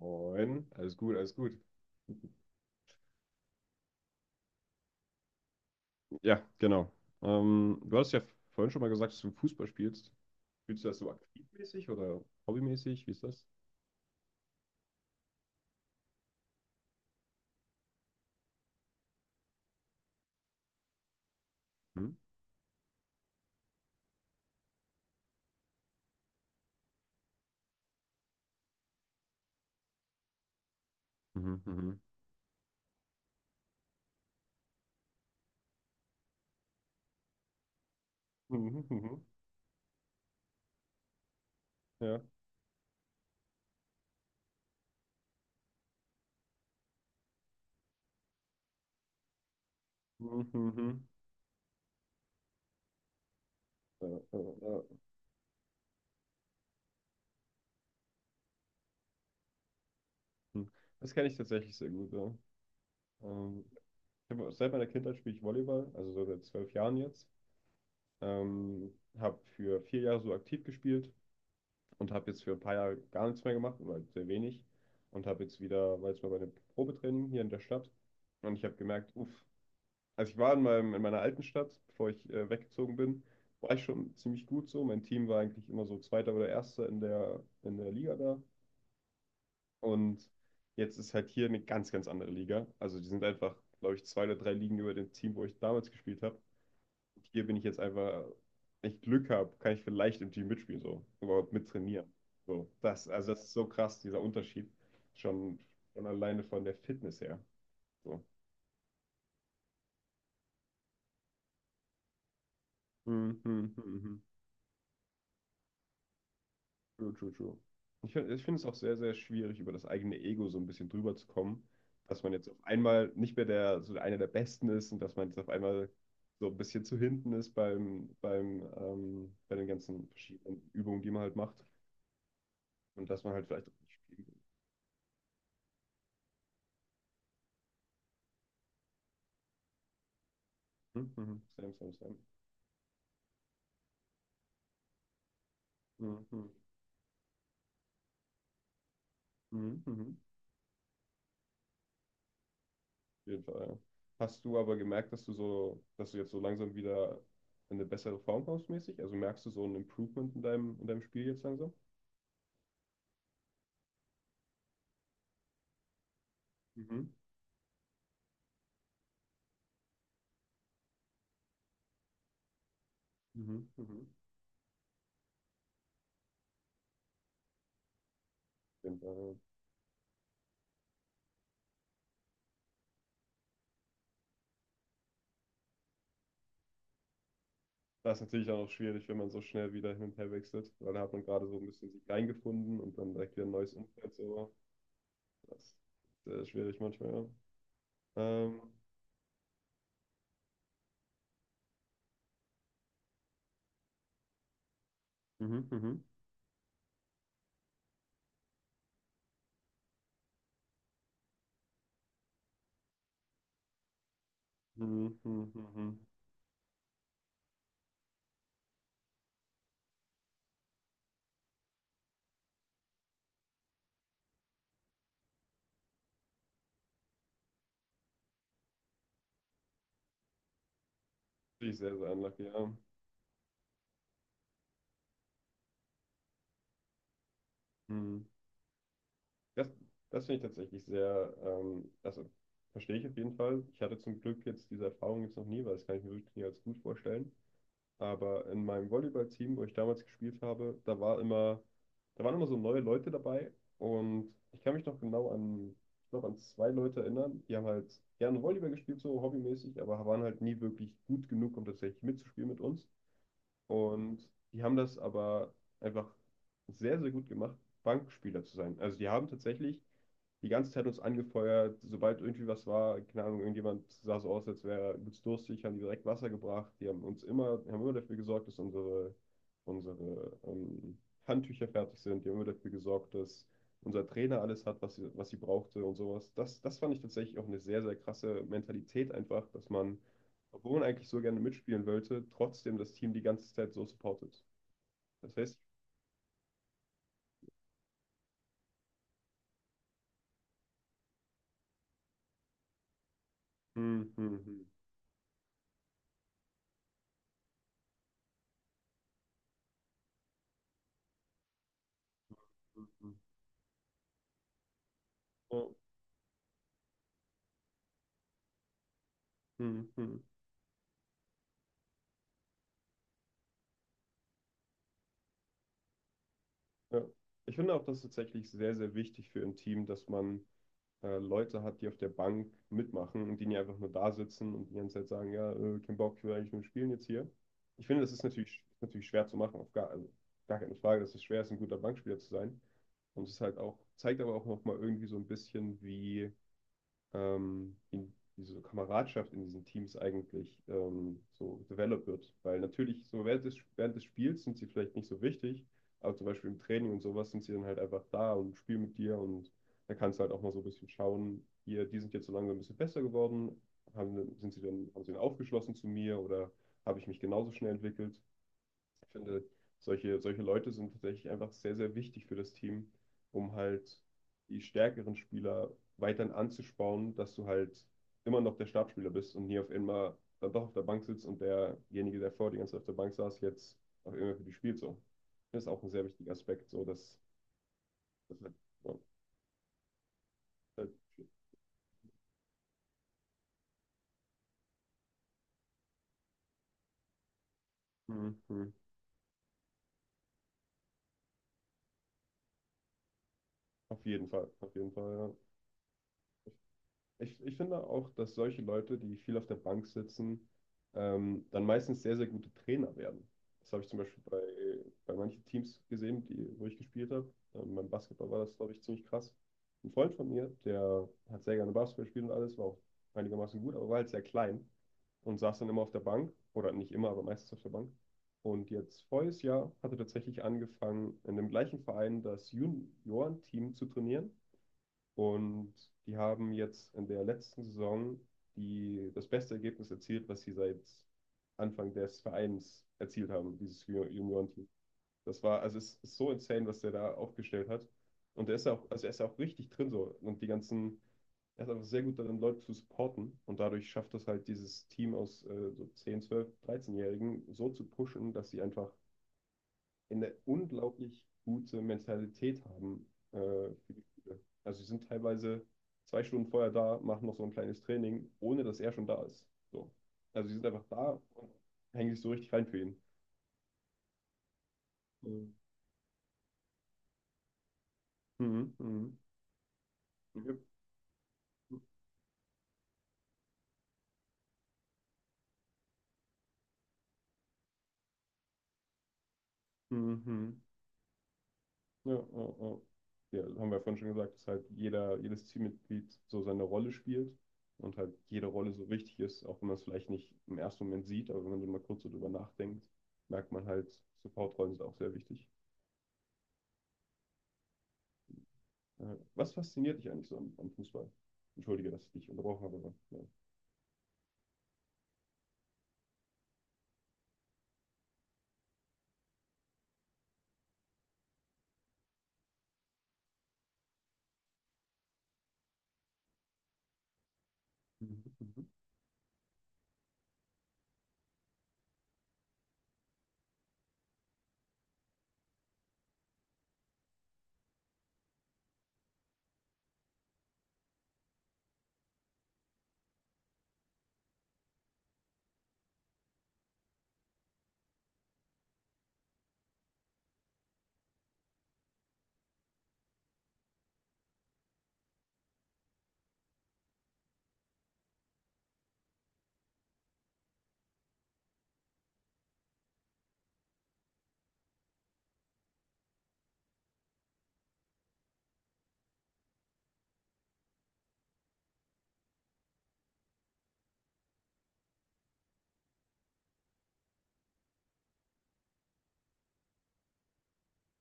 Moin, alles gut, alles gut. Ja, genau. Du hast ja vorhin schon mal gesagt, dass du Fußball spielst. Spielst du das so aktivmäßig oder hobbymäßig? Wie ist das? Hm? Mhm, mhm. Mhm, mhm, mhm. Ja. Mhm, mhm. Ja, ja, ja. Hm. Das kenne ich tatsächlich sehr gut. Ja. Ähm, Ich hab, seit meiner Kindheit spiele ich Volleyball, also so seit 12 Jahren jetzt. Ähm, Habe für 4 Jahre so aktiv gespielt, und habe jetzt für ein paar Jahre gar nichts mehr gemacht oder sehr wenig und habe jetzt wieder, war jetzt mal bei einem Probetraining hier in der Stadt und ich habe gemerkt, uff, also ich war in meinem, in meiner alten Stadt, bevor ich weggezogen bin, war ich schon ziemlich gut so. Mein Team war eigentlich immer so Zweiter oder Erster in der Liga da und jetzt ist halt hier eine ganz, ganz andere Liga. Also die sind einfach, glaube ich, zwei oder drei Ligen über dem Team, wo ich damals gespielt habe, hier bin ich jetzt einfach, wenn ich Glück habe, kann ich vielleicht im Team mitspielen, so, überhaupt mittrainieren. So, das, also das ist so krass, dieser Unterschied. Schon, schon alleine von der Fitness her. So. Hm, hm, hm, hm. True, true, true. Ich finde es auch sehr, sehr schwierig, über das eigene Ego so ein bisschen drüber zu kommen, dass man jetzt auf einmal nicht mehr der, so einer der Besten ist und dass man jetzt auf einmal so ein bisschen zu hinten ist beim, beim, bei den ganzen verschiedenen Übungen, die man halt macht. Und dass man halt vielleicht auch nicht spielt. Mhm, mhm. Same, same, same. Mhm, mhm, mhm, mhm. Auf jeden Fall. Ja. Hast du aber gemerkt, dass du so, dass du jetzt so langsam wieder in eine bessere Form kommst mäßig? Also merkst du so ein Improvement in deinem Spiel jetzt langsam? Auf Mhm, mhm, mhm. Auf jeden Fall, ja. Das ist natürlich auch noch schwierig, wenn man so schnell wieder hin und her wechselt, weil da hat man gerade so ein bisschen sich reingefunden und dann direkt wieder ein neues Umfeld so. Das ist sehr schwierig manchmal, ja. Ähm, Mhm, mhm. Mhm, mhm, mhm. Natürlich sehr, sehr unlucky, ja. Mhm. Das, das finde ich tatsächlich sehr, also verstehe ich auf jeden Fall. Ich hatte zum Glück jetzt diese Erfahrung jetzt noch nie, weil das kann ich mir wirklich nie als gut vorstellen. Aber in meinem Volleyballteam, wo ich damals gespielt habe, da war immer, da waren immer so neue Leute dabei und ich kann mich noch genau an, ich glaube, an zwei Leute erinnern, die haben halt gerne Volleyball gespielt, so hobbymäßig, aber waren halt nie wirklich gut genug, um tatsächlich mitzuspielen mit uns. Und die haben das aber einfach sehr, sehr gut gemacht, Bankspieler zu sein. Also die haben tatsächlich die ganze Zeit uns angefeuert. Sobald irgendwie was war, keine Ahnung, irgendjemand sah so aus, als wäre er übelst durstig, haben die direkt Wasser gebracht. Die haben uns immer, haben immer dafür gesorgt, dass unsere, unsere Handtücher fertig sind. Die haben immer dafür gesorgt, dass unser Trainer alles hat, was sie brauchte und sowas. Das, das fand ich tatsächlich auch eine sehr, sehr krasse Mentalität einfach, dass man, obwohl man eigentlich so gerne mitspielen wollte, trotzdem das Team die ganze Zeit so supportet. Das heißt, hm, hm, hm, hm, hm, oh, hm, hm. Ja. Ich finde auch, das ist tatsächlich sehr, sehr wichtig für ein Team, dass man Leute hat, die auf der Bank mitmachen und die nicht einfach nur da sitzen und die ganze Zeit sagen, ja, kein Bock, ich will eigentlich nur spielen jetzt hier. Ich finde, das ist natürlich, natürlich schwer zu machen, auf gar, also gar keine Frage, dass es schwer ist, ein guter Bankspieler zu sein. Und es ist halt auch, zeigt aber auch nochmal irgendwie so ein bisschen, wie in diese Kameradschaft in diesen Teams eigentlich so developed wird. Weil natürlich so während des Spiels sind sie vielleicht nicht so wichtig, aber zum Beispiel im Training und sowas sind sie dann halt einfach da und spielen mit dir und da kannst du halt auch mal so ein bisschen schauen, hier, die sind jetzt so langsam ein bisschen besser geworden, haben, sind sie dann, haben sie dann aufgeschlossen zu mir oder habe ich mich genauso schnell entwickelt? Ich finde, solche, solche Leute sind tatsächlich einfach sehr, sehr wichtig für das Team, um halt die stärkeren Spieler weiterhin anzuspornen, dass du halt immer noch der Startspieler bist und nie auf einmal dann doch auf der Bank sitzt und derjenige, der vor dir ganz auf der Bank saß, jetzt auf einmal für dich spielt. So. Das ist auch ein sehr wichtiger Aspekt, so dass, dass halt, ja, halt, hm, hm. Auf jeden Fall, auf jeden Fall, ja. Ich finde auch, dass solche Leute, die viel auf der Bank sitzen, dann meistens sehr, sehr gute Trainer werden. Das habe ich zum Beispiel bei, bei manchen Teams gesehen, die, wo ich gespielt habe. Beim Basketball war das, glaube ich, ziemlich krass. Ein Freund von mir, der hat sehr gerne Basketball gespielt und alles, war auch einigermaßen gut, aber war halt sehr klein und saß dann immer auf der Bank, oder nicht immer, aber meistens auf der Bank. Und jetzt voriges Jahr hat er tatsächlich angefangen, in dem gleichen Verein das Juniorenteam zu trainieren und die haben jetzt in der letzten Saison das beste Ergebnis erzielt, was sie seit Anfang des Vereins erzielt haben, dieses Juniorenteam. Das war, also es ist so insane, was der da aufgestellt hat. Und der ist ja auch, also er ist ja auch richtig drin so. Und die ganzen, er ist einfach sehr gut darin, Leute zu supporten. Und dadurch schafft das halt, dieses Team aus so 10, 12, 13-Jährigen so zu pushen, dass sie einfach eine unglaublich gute Mentalität haben für die Spiele. Also sie sind teilweise 2 Stunden vorher da, machen noch so ein kleines Training, ohne dass er schon da ist. So. Also sie sind einfach da und hängen sich so richtig rein für ihn. Mhm, mhm, mhm, mhm, mhm. Ja, ja, ja. Ja, das haben wir ja vorhin schon gesagt, dass halt jeder, jedes Teammitglied so seine Rolle spielt und halt jede Rolle so wichtig ist, auch wenn man es vielleicht nicht im ersten Moment sieht, aber wenn man so mal kurz so drüber nachdenkt, merkt man halt, Supportrollen sind auch sehr wichtig. Äh, Was fasziniert dich eigentlich so am, am Fußball? Entschuldige, dass ich dich unterbrochen habe, aber ja. Mhm, mhm.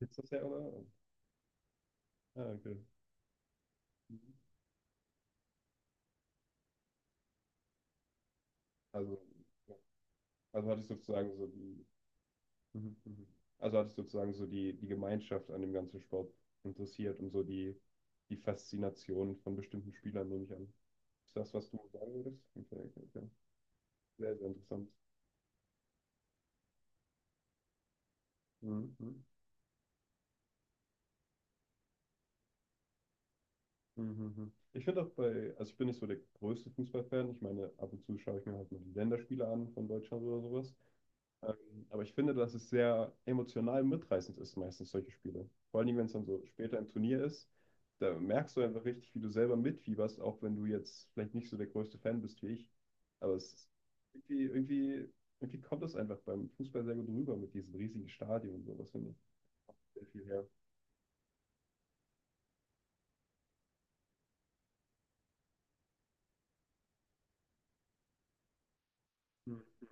Jetzt das ja, oder? Ah, okay. Mhm. Also, also hatte ich sozusagen so die. Mhm, mhm. Also hat es sozusagen so die, die Gemeinschaft an dem ganzen Sport interessiert und so die, die Faszination von bestimmten Spielern, nehme ich an. Ist das, was du sagen würdest? Okay, okay, okay. Sehr, sehr interessant. Mhm, mhm, mhm, mhm, mhm. Ich finde auch bei, also ich bin nicht so der größte Fußballfan. Ich meine, ab und zu schaue ich mir halt mal die Länderspiele an von Deutschland oder sowas. Aber ich finde, dass es sehr emotional mitreißend ist, meistens solche Spiele. Vor allem, wenn es dann so später im Turnier ist, da merkst du einfach richtig, wie du selber mitfieberst, auch wenn du jetzt vielleicht nicht so der größte Fan bist wie ich. Aber es ist irgendwie, irgendwie, irgendwie kommt das einfach beim Fußball sehr gut rüber mit diesem riesigen Stadion und sowas, finde ich. Sehr viel her. Mhm.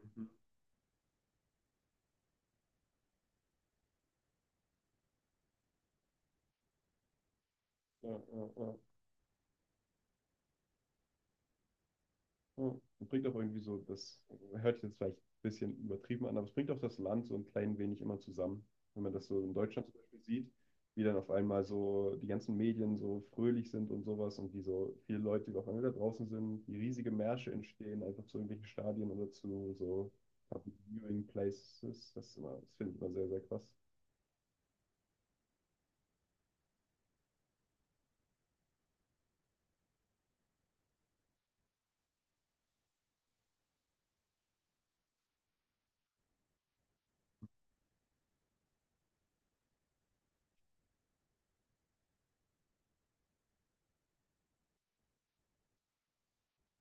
Ja, ja, ja. Ja. Und bringt auch irgendwie so, das hört sich jetzt vielleicht ein bisschen übertrieben an, aber es bringt auch das Land so ein klein wenig immer zusammen. Wenn man das so in Deutschland zum Beispiel sieht, wie dann auf einmal so die ganzen Medien so fröhlich sind und sowas und wie so viele Leute die auf einmal da draußen sind, wie riesige Märsche entstehen, einfach zu irgendwelchen Stadien oder zu so Public Viewing Places. Das ist immer, das finde ich immer sehr, sehr krass.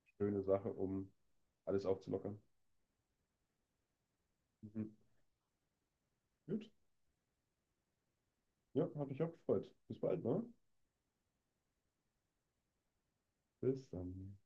Schöne Sache, um alles aufzulockern. Mhm. Gut. Ja, hat mich auch gefreut. Bis bald, ne? Bis dann.